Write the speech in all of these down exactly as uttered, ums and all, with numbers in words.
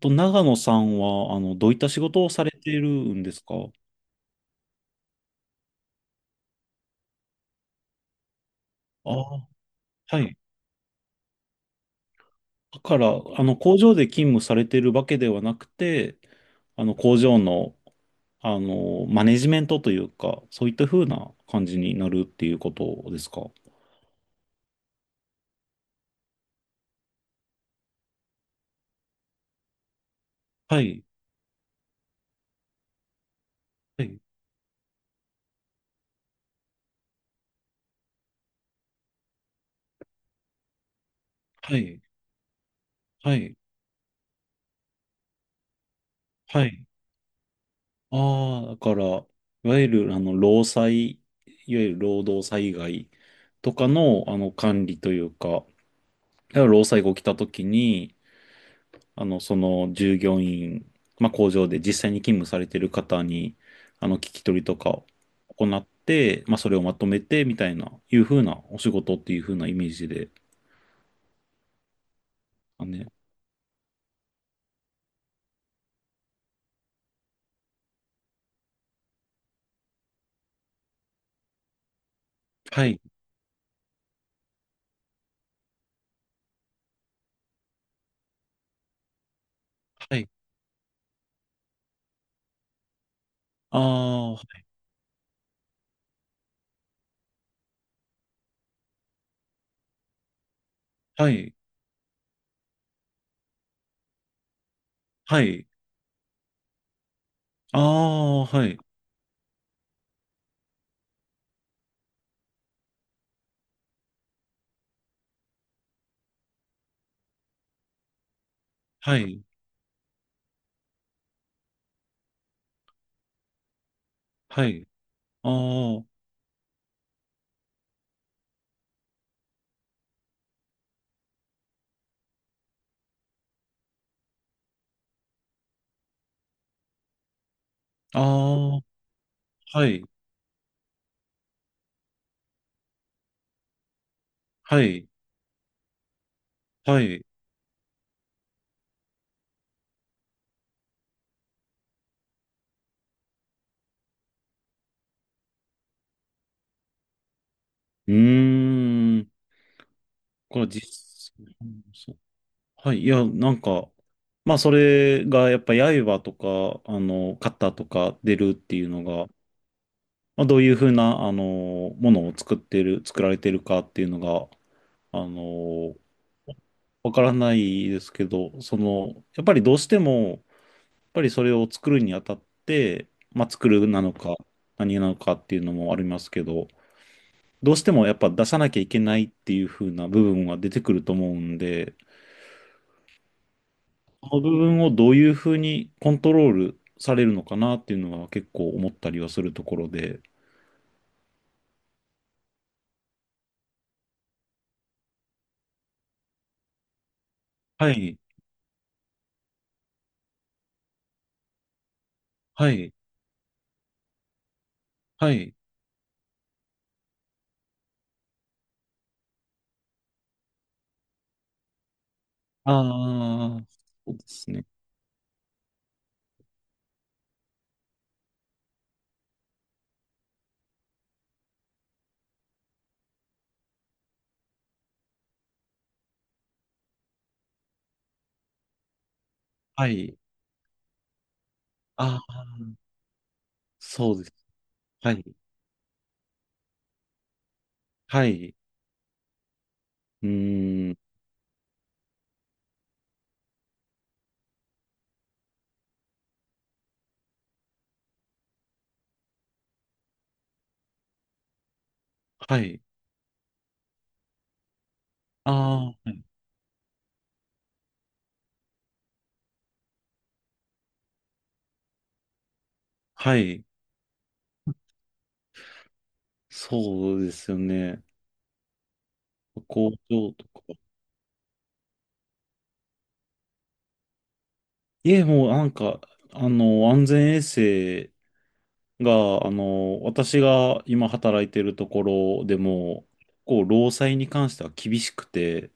と、長野さんは、あの、どういった仕事をされているんですか？ああ、はい。だから、あの、工場で勤務されているわけではなくて、あの、工場の、あの、マネジメントというか、そういった風な感じになるっていうことですか？はい、はい、はい、はい、はい。ああ、だから、いわゆる、あの、労災、いわゆる労働災害とかの、あの、管理というか、だから労災が起きたときに、あの、その従業員、まあ、工場で実際に勤務されてる方に、あの、聞き取りとかを行って、まあ、それをまとめて、みたいな、いうふうなお仕事っていうふうなイメージで。あね。はい、はい、ああ、はい、はい、ああ、はい、はい、はい、ああ、ああ、はい。はい、はい。うーん。これは実、そう。はい。いや、なんか、まあ、それが、やっぱ、刃とか、あの、肩とか出るっていうのが、まあ、どういうふうな、あの、ものを作ってる、作られてるかっていうのが、あの、わからないですけど、その、やっぱりどうしても、やっぱりそれを作るにあたって、まあ、作るなのか、何なのかっていうのもありますけど、どうしてもやっぱ出さなきゃいけないっていう風な部分は出てくると思うんで、この部分をどういう風にコントロールされるのかなっていうのは結構思ったりはするところで。はい、はい、はい。ああ、そうですね。はい。ああ、そうです。はい、はい。うーん、はい。ああ、はい。はい。そうですよね。工場とか。いえ、もうなんか、あの、安全衛生が、あの、私が今働いてるところでも、こう、労災に関しては厳しくて、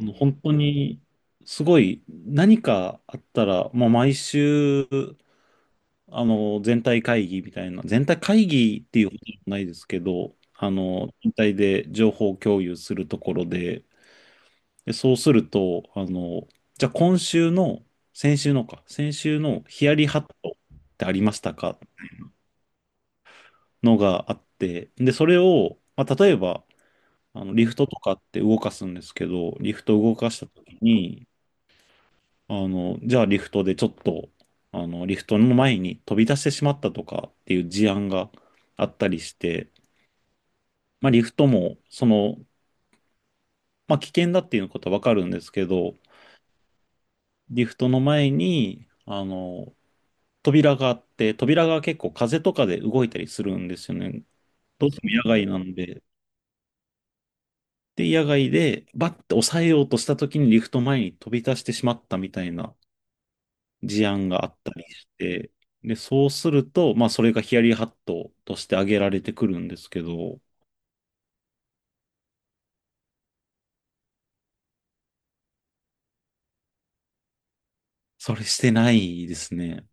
あの本当に、すごい、何かあったら、まあ、毎週、あの、全体会議みたいな、全体会議っていうことじゃないですけど、あの、全体で情報共有するところで、で、そうすると、あの、じゃあ今週の、先週のか、先週のヒヤリハットってありましたか、のがあって、で、それを、まあ、例えば、あの、リフトとかって動かすんですけど、リフトを動かしたときに、あの、じゃあリフトでちょっと、あの、リフトの前に飛び出してしまったとかっていう事案があったりして、まあ、リフトも、その、まあ、危険だっていうことはわかるんですけど、リフトの前に、あの、扉があって、扉が結構風とかで動いたりするんですよね。どうしても野外なんで、で、野外でバッて抑えようとした時にリフト前に飛び出してしまったみたいな事案があったりして、で、そうすると、まあそれがヒヤリハットとして挙げられてくるんですけど。それしてないですね。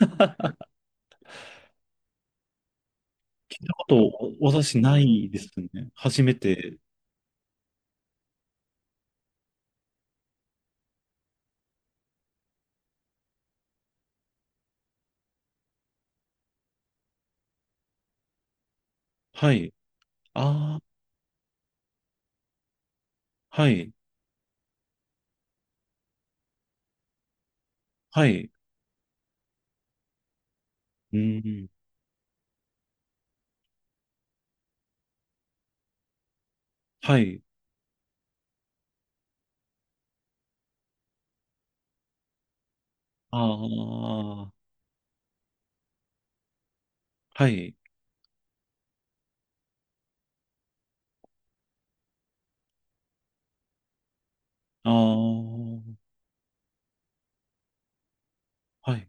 あと、私ないですね。初めて。はい。ああ、はい。はい。うん。はい。ああ、はい。ああ、はい。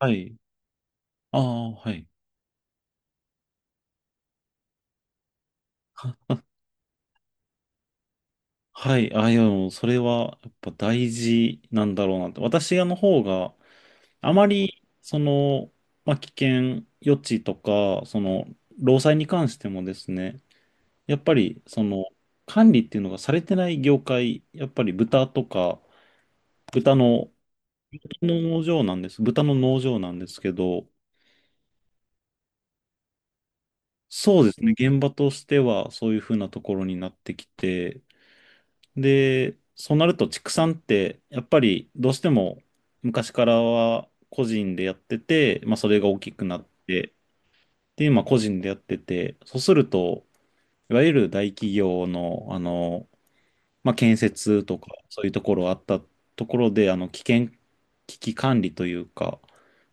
はい。ああ、はい。はい。あ、いや、でもそれはやっぱ大事なんだろうなって。私の方が、あまり、その、まあ、危険予知とか、その、労災に関してもですね、やっぱり、その、管理っていうのがされてない業界、やっぱり豚とか、豚の農場なんです。豚の農場なんですけど、そうですね、現場としてはそういうふうなところになってきて、で、そうなると畜産って、やっぱりどうしても昔からは個人でやってて、まあそれが大きくなって、っていう、まあ個人でやってて、そうすると、いわゆる大企業の、あの、まあ建設とか、そういうところあったところで、あの、危険、危機管理というか、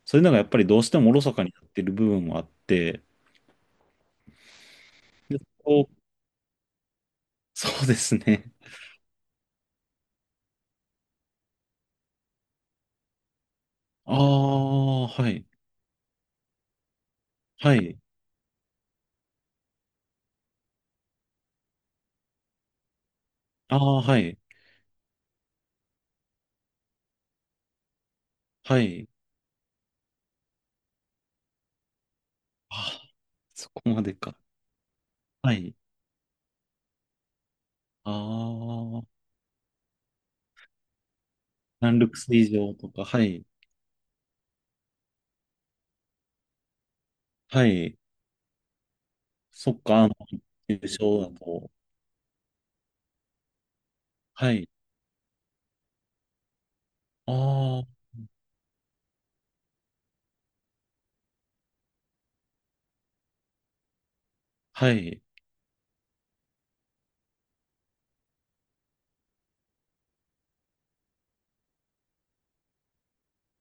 そういうのがやっぱりどうしてもおろそかになってる部分もあって、で、そうそうですね。ああ、はい。はい。ああ、はい。はい。あ、そこまでか。はい。ああ、サンルクス以上とか、はい。はい。そっか、あの、優勝だと。はい。ああ、はい。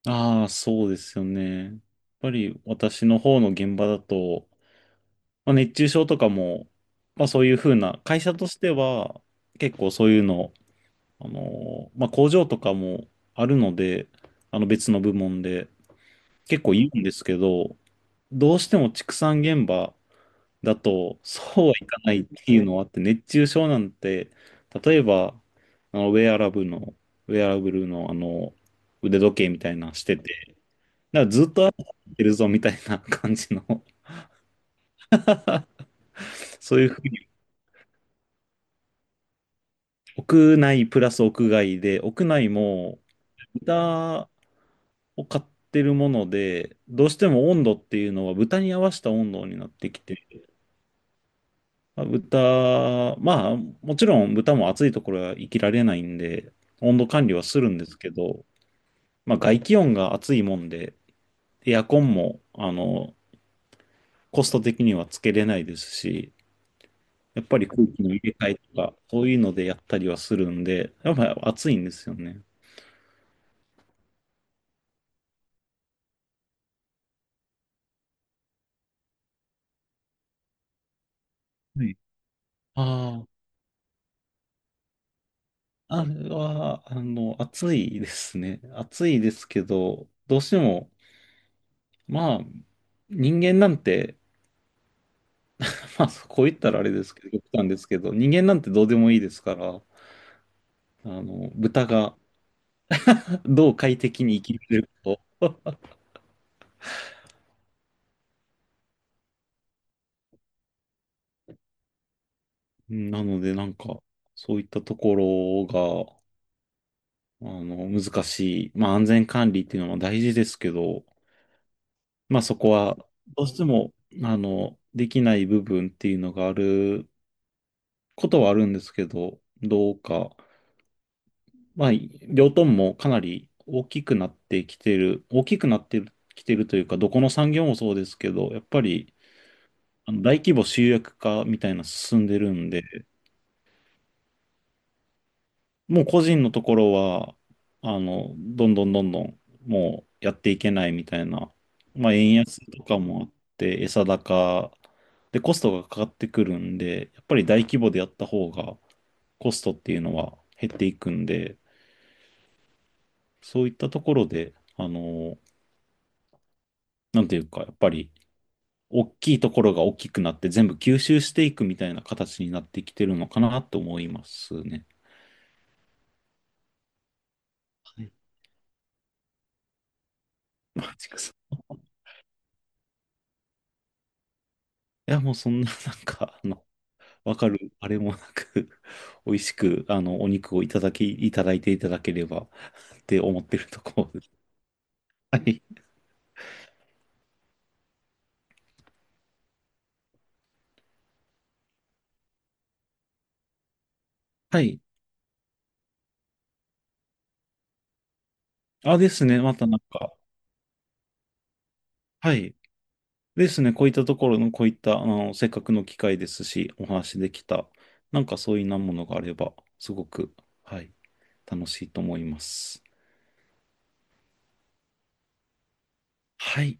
ああ、そうですよね。やっぱり私の方の現場だと、まあ、熱中症とかも、まあそういうふうな、会社としては結構そういうの、あの、まあ工場とかもあるので、あの別の部門で結構言うんですけど、どうしても畜産現場だと、そうはいかないっていうのはあって、熱中症なんて、例えば、あの、ウェアラブルの、ウェアラブルの、あの、腕時計みたいなのしてて、だからずっと歩いてるぞみたいな感じの、そういうふうに、屋内プラス屋外で、屋内も豚を飼ってるもので、どうしても温度っていうのは豚に合わせた温度になってきて、まあ、豚、まあ、もちろん豚も暑いところは生きられないんで、温度管理はするんですけど、まあ、外気温が暑いもんで、エアコンも、あの、コスト的にはつけれないですし、やっぱり空気の入れ替えとか、そういうのでやったりはするんで、やっぱり暑いんですよね。はい。ああ、あれは、あの、暑いですね。暑いですけど、どうしても、まあ、人間なんて、まあ、こう言ったらあれですけど、極端ですけど、人間なんてどうでもいいですから、あの、豚が どう快適に生きれるか。うん、なので、なんか、そういったところが、あの、難しい。まあ、安全管理っていうのも大事ですけど、まあ、そこは、どうしても、あの、できない部分っていうのがあることはあるんですけど、どうか、まあ、両トンもかなり大きくなってきてる、大きくなってきてるというか、どこの産業もそうですけど、やっぱり、あの大規模集約化みたいなの進んでるんで、もう個人のところは、あの、どんどんどんどん、もうやっていけないみたいな、まあ、円安とかもあって、餌高でコストがかかってくるんで、やっぱり大規模でやった方がコストっていうのは減っていくんで、そういったところで、あの、なんていうか、やっぱり大きいところが大きくなって全部吸収していくみたいな形になってきてるのかなと思いますね。はい。マジかそう。 いや、もうそんな、なんか、あの、わかる、あれもなく 美味しく、あの、お肉をいただき、いただいていただければ って思ってるところです。はい。はい。あ、ですね。またなんか、はい。ですね。こういったところの、こういった、あの、せっかくの機会ですし、お話できた、なんかそういうなものがあれば、すごく、はい、楽しいと思います。はい。